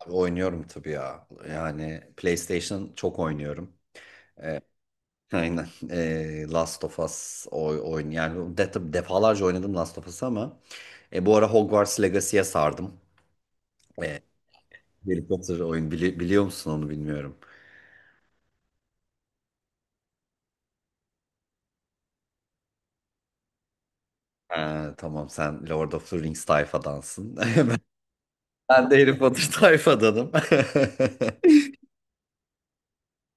Abi oynuyorum tabii ya. Yani PlayStation çok oynuyorum. Aynen. Last of Us oyun yani defalarca oynadım Last of Us'ı ama bu ara Hogwarts Legacy'ye sardım. Ee, Harry Potter oyun biliyor musun onu bilmiyorum. Tamam, sen Lord of the Rings tayfadansın. Ben de Harry Potter tayfadanım.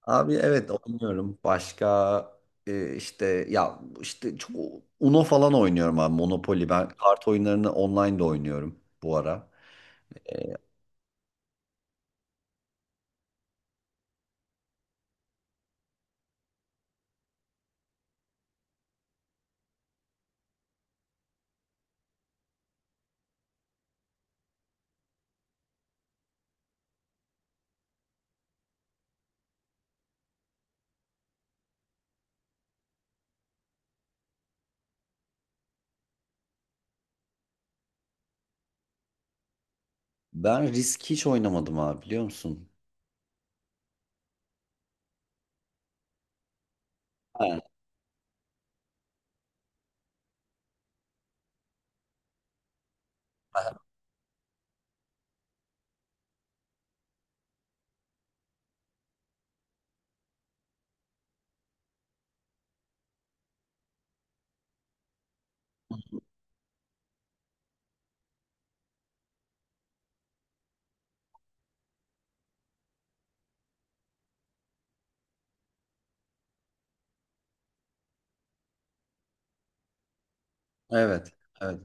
Abi, evet, oynuyorum. Başka işte çok Uno falan oynuyorum abi, Monopoly. Ben kart oyunlarını online de oynuyorum bu ara. E, Ben Risk hiç oynamadım abi, biliyor musun? Ha, ha. Evet. Evet.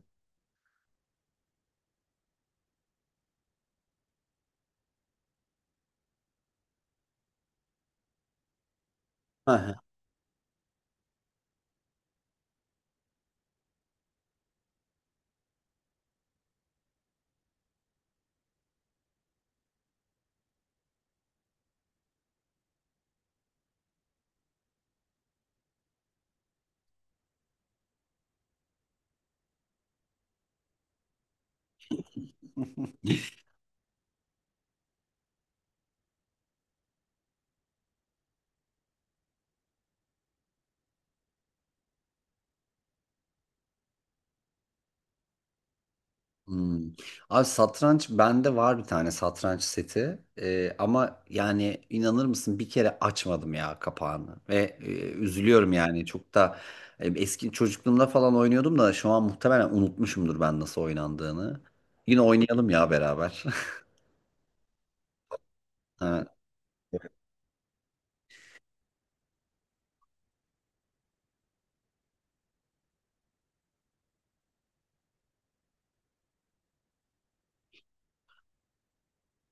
Ha, ha. Hmm. Abi, satranç bende var, bir tane satranç seti. Ama yani inanır mısın, bir kere açmadım ya kapağını ve üzülüyorum yani, çok da eski çocukluğumda falan oynuyordum da şu an muhtemelen unutmuşumdur ben nasıl oynandığını. Yine oynayalım ya beraber. Ha.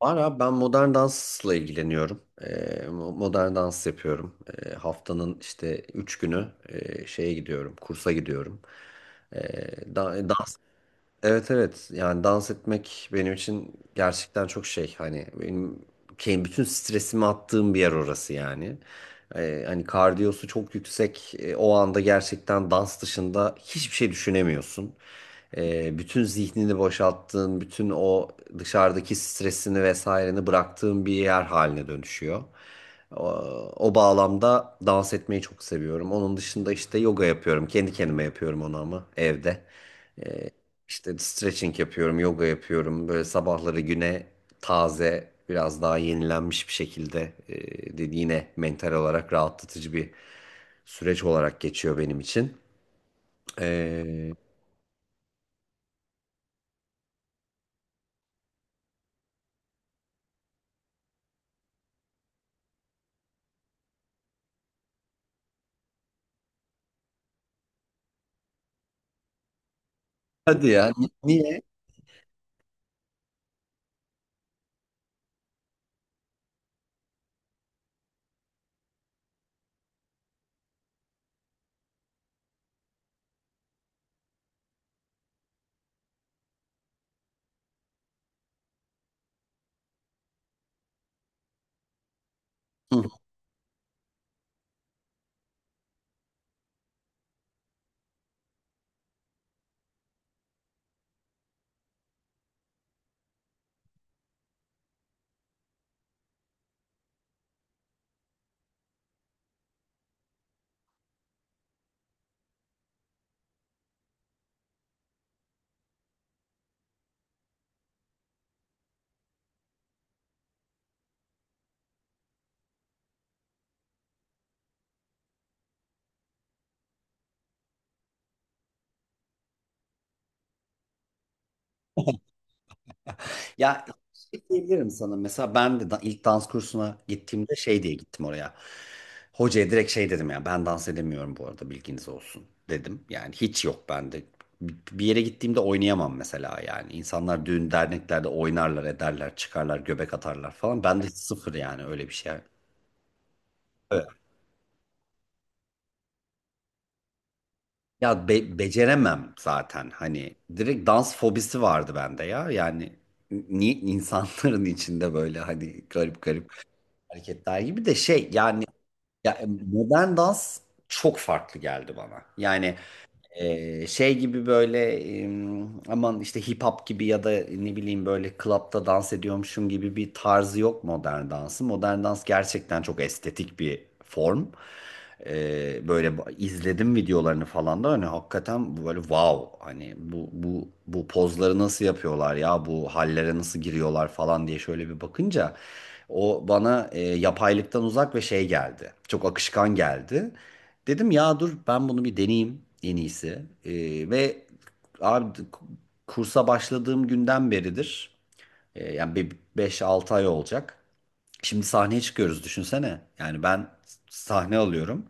Var abi, ben modern dansla ilgileniyorum. Modern dans yapıyorum. Haftanın işte 3 günü şeye gidiyorum, kursa gidiyorum. Ee, da- Evet, evet, yani dans etmek benim için gerçekten çok şey, hani benim bütün stresimi attığım bir yer orası yani. Hani kardiyosu çok yüksek. O anda gerçekten dans dışında hiçbir şey düşünemiyorsun. Bütün zihnini boşalttığın, bütün o dışarıdaki stresini vesaireni bıraktığın bir yer haline dönüşüyor. O, o bağlamda dans etmeyi çok seviyorum. Onun dışında işte yoga yapıyorum, kendi kendime yapıyorum onu ama evde. Ee, işte stretching yapıyorum, yoga yapıyorum. Böyle sabahları güne taze, biraz daha yenilenmiş bir şekilde dedi, yine mental olarak rahatlatıcı bir süreç olarak geçiyor benim için. Ee, Hadi ya, niye? Ya, şey diyebilirim sana, mesela ben de ilk dans kursuna gittiğimde şey diye gittim oraya. Hocaya direkt şey dedim ya, ben dans edemiyorum bu arada, bilginiz olsun dedim. Yani hiç yok bende. Bir yere gittiğimde oynayamam mesela yani. İnsanlar düğün derneklerde oynarlar ederler, çıkarlar göbek atarlar falan. Ben de sıfır yani, öyle bir şey. Evet. Ya beceremem zaten, hani direkt dans fobisi vardı bende ya yani insanların içinde böyle hani garip garip hareketler gibi de şey yani. Ya, modern dans çok farklı geldi bana. Yani şey gibi böyle, aman işte hip hop gibi ya da ne bileyim böyle klapta dans ediyormuşum gibi bir tarzı yok modern dansı. Modern dans gerçekten çok estetik bir form. Böyle izledim videolarını falan da hani hakikaten böyle wow, hani bu pozları nasıl yapıyorlar ya, bu hallere nasıl giriyorlar falan diye şöyle bir bakınca o bana yapaylıktan uzak ve şey geldi. Çok akışkan geldi. Dedim ya dur, ben bunu bir deneyeyim en iyisi. Ve abi kursa başladığım günden beridir. Yani bir 5-6 ay olacak. Şimdi sahneye çıkıyoruz, düşünsene. Yani ben sahne alıyorum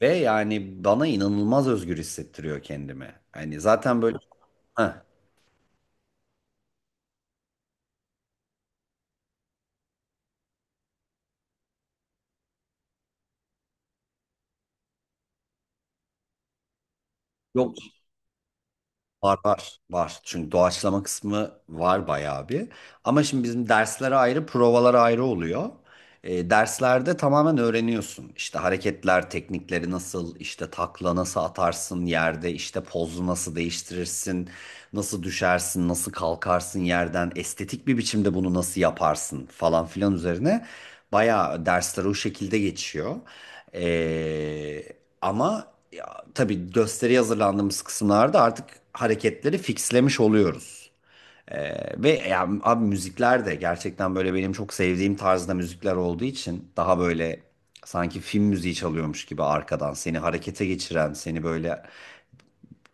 ve yani bana inanılmaz özgür hissettiriyor kendimi. Hani zaten böyle. Heh, yok. Var, var, var. Çünkü doğaçlama kısmı var bayağı bir. Ama şimdi bizim dersler ayrı, provalar ayrı oluyor. Derslerde tamamen öğreniyorsun. İşte hareketler, teknikleri nasıl, işte takla nasıl atarsın yerde, işte pozu nasıl değiştirirsin, nasıl düşersin, nasıl kalkarsın yerden, estetik bir biçimde bunu nasıl yaparsın falan filan üzerine bayağı dersler o şekilde geçiyor. Ee, Ama ya, tabii gösteriye hazırlandığımız kısımlarda artık hareketleri fixlemiş oluyoruz. Ve ya, abi müzikler de gerçekten böyle benim çok sevdiğim tarzda müzikler olduğu için, daha böyle sanki film müziği çalıyormuş gibi arkadan seni harekete geçiren, seni böyle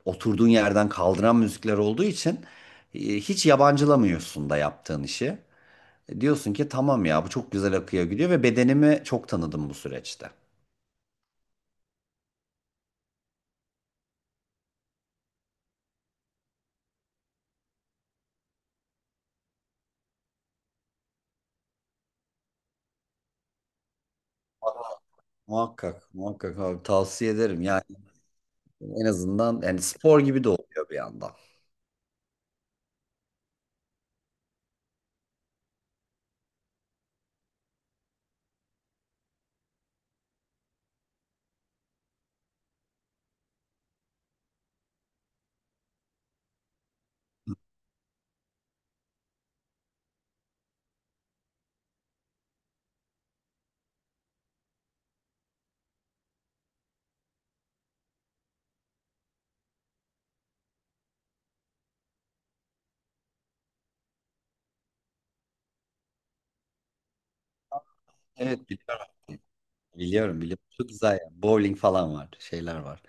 oturduğun yerden kaldıran müzikler olduğu için hiç yabancılamıyorsun da yaptığın işi. Diyorsun ki tamam ya, bu çok güzel akıyor gidiyor ve bedenimi çok tanıdım bu süreçte. Muhakkak, muhakkak abi, tavsiye ederim. Yani en azından yani spor gibi de oluyor bir yandan. Evet, biliyorum, biliyorum, biliyorum. Çok güzel yani. Bowling falan var, şeyler var.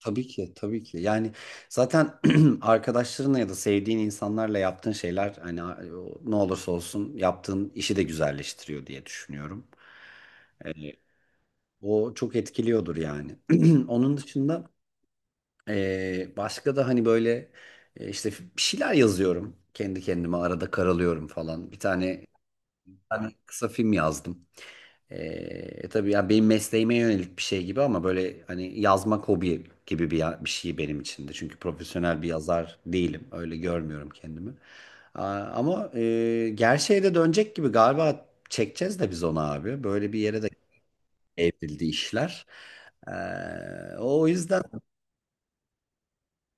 Tabii ki, tabii ki. Yani zaten arkadaşlarınla ya da sevdiğin insanlarla yaptığın şeyler, hani ne olursa olsun yaptığın işi de güzelleştiriyor diye düşünüyorum. Yani o çok etkiliyordur yani. Onun dışında başka da hani böyle işte bir şeyler yazıyorum. Kendi kendime arada karalıyorum falan. Bir tane kısa film yazdım. Tabii ya, benim mesleğime yönelik bir şey gibi ama böyle hani yazmak hobi gibi bir, bir şey benim için de. Çünkü profesyonel bir yazar değilim. Öyle görmüyorum kendimi. Aa, ama gerçeğe de dönecek gibi galiba, çekeceğiz de biz onu abi. Böyle bir yere de evrildi işler. O yüzden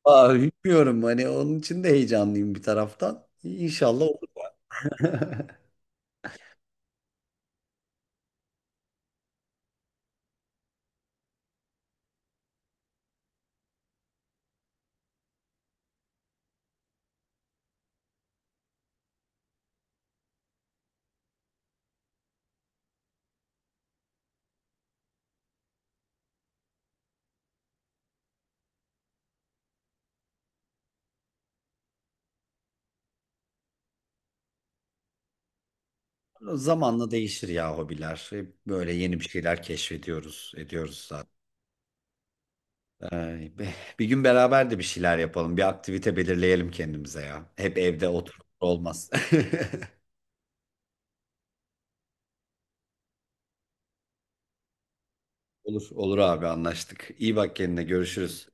aa, bilmiyorum, hani onun için de heyecanlıyım bir taraftan. İnşallah olur. Zamanla değişir ya hobiler. Hep böyle yeni bir şeyler keşfediyoruz, ediyoruz zaten. Bir gün beraber de bir şeyler yapalım. Bir aktivite belirleyelim kendimize ya. Hep evde otur olmaz. Olur, olur abi, anlaştık. İyi bak kendine, görüşürüz.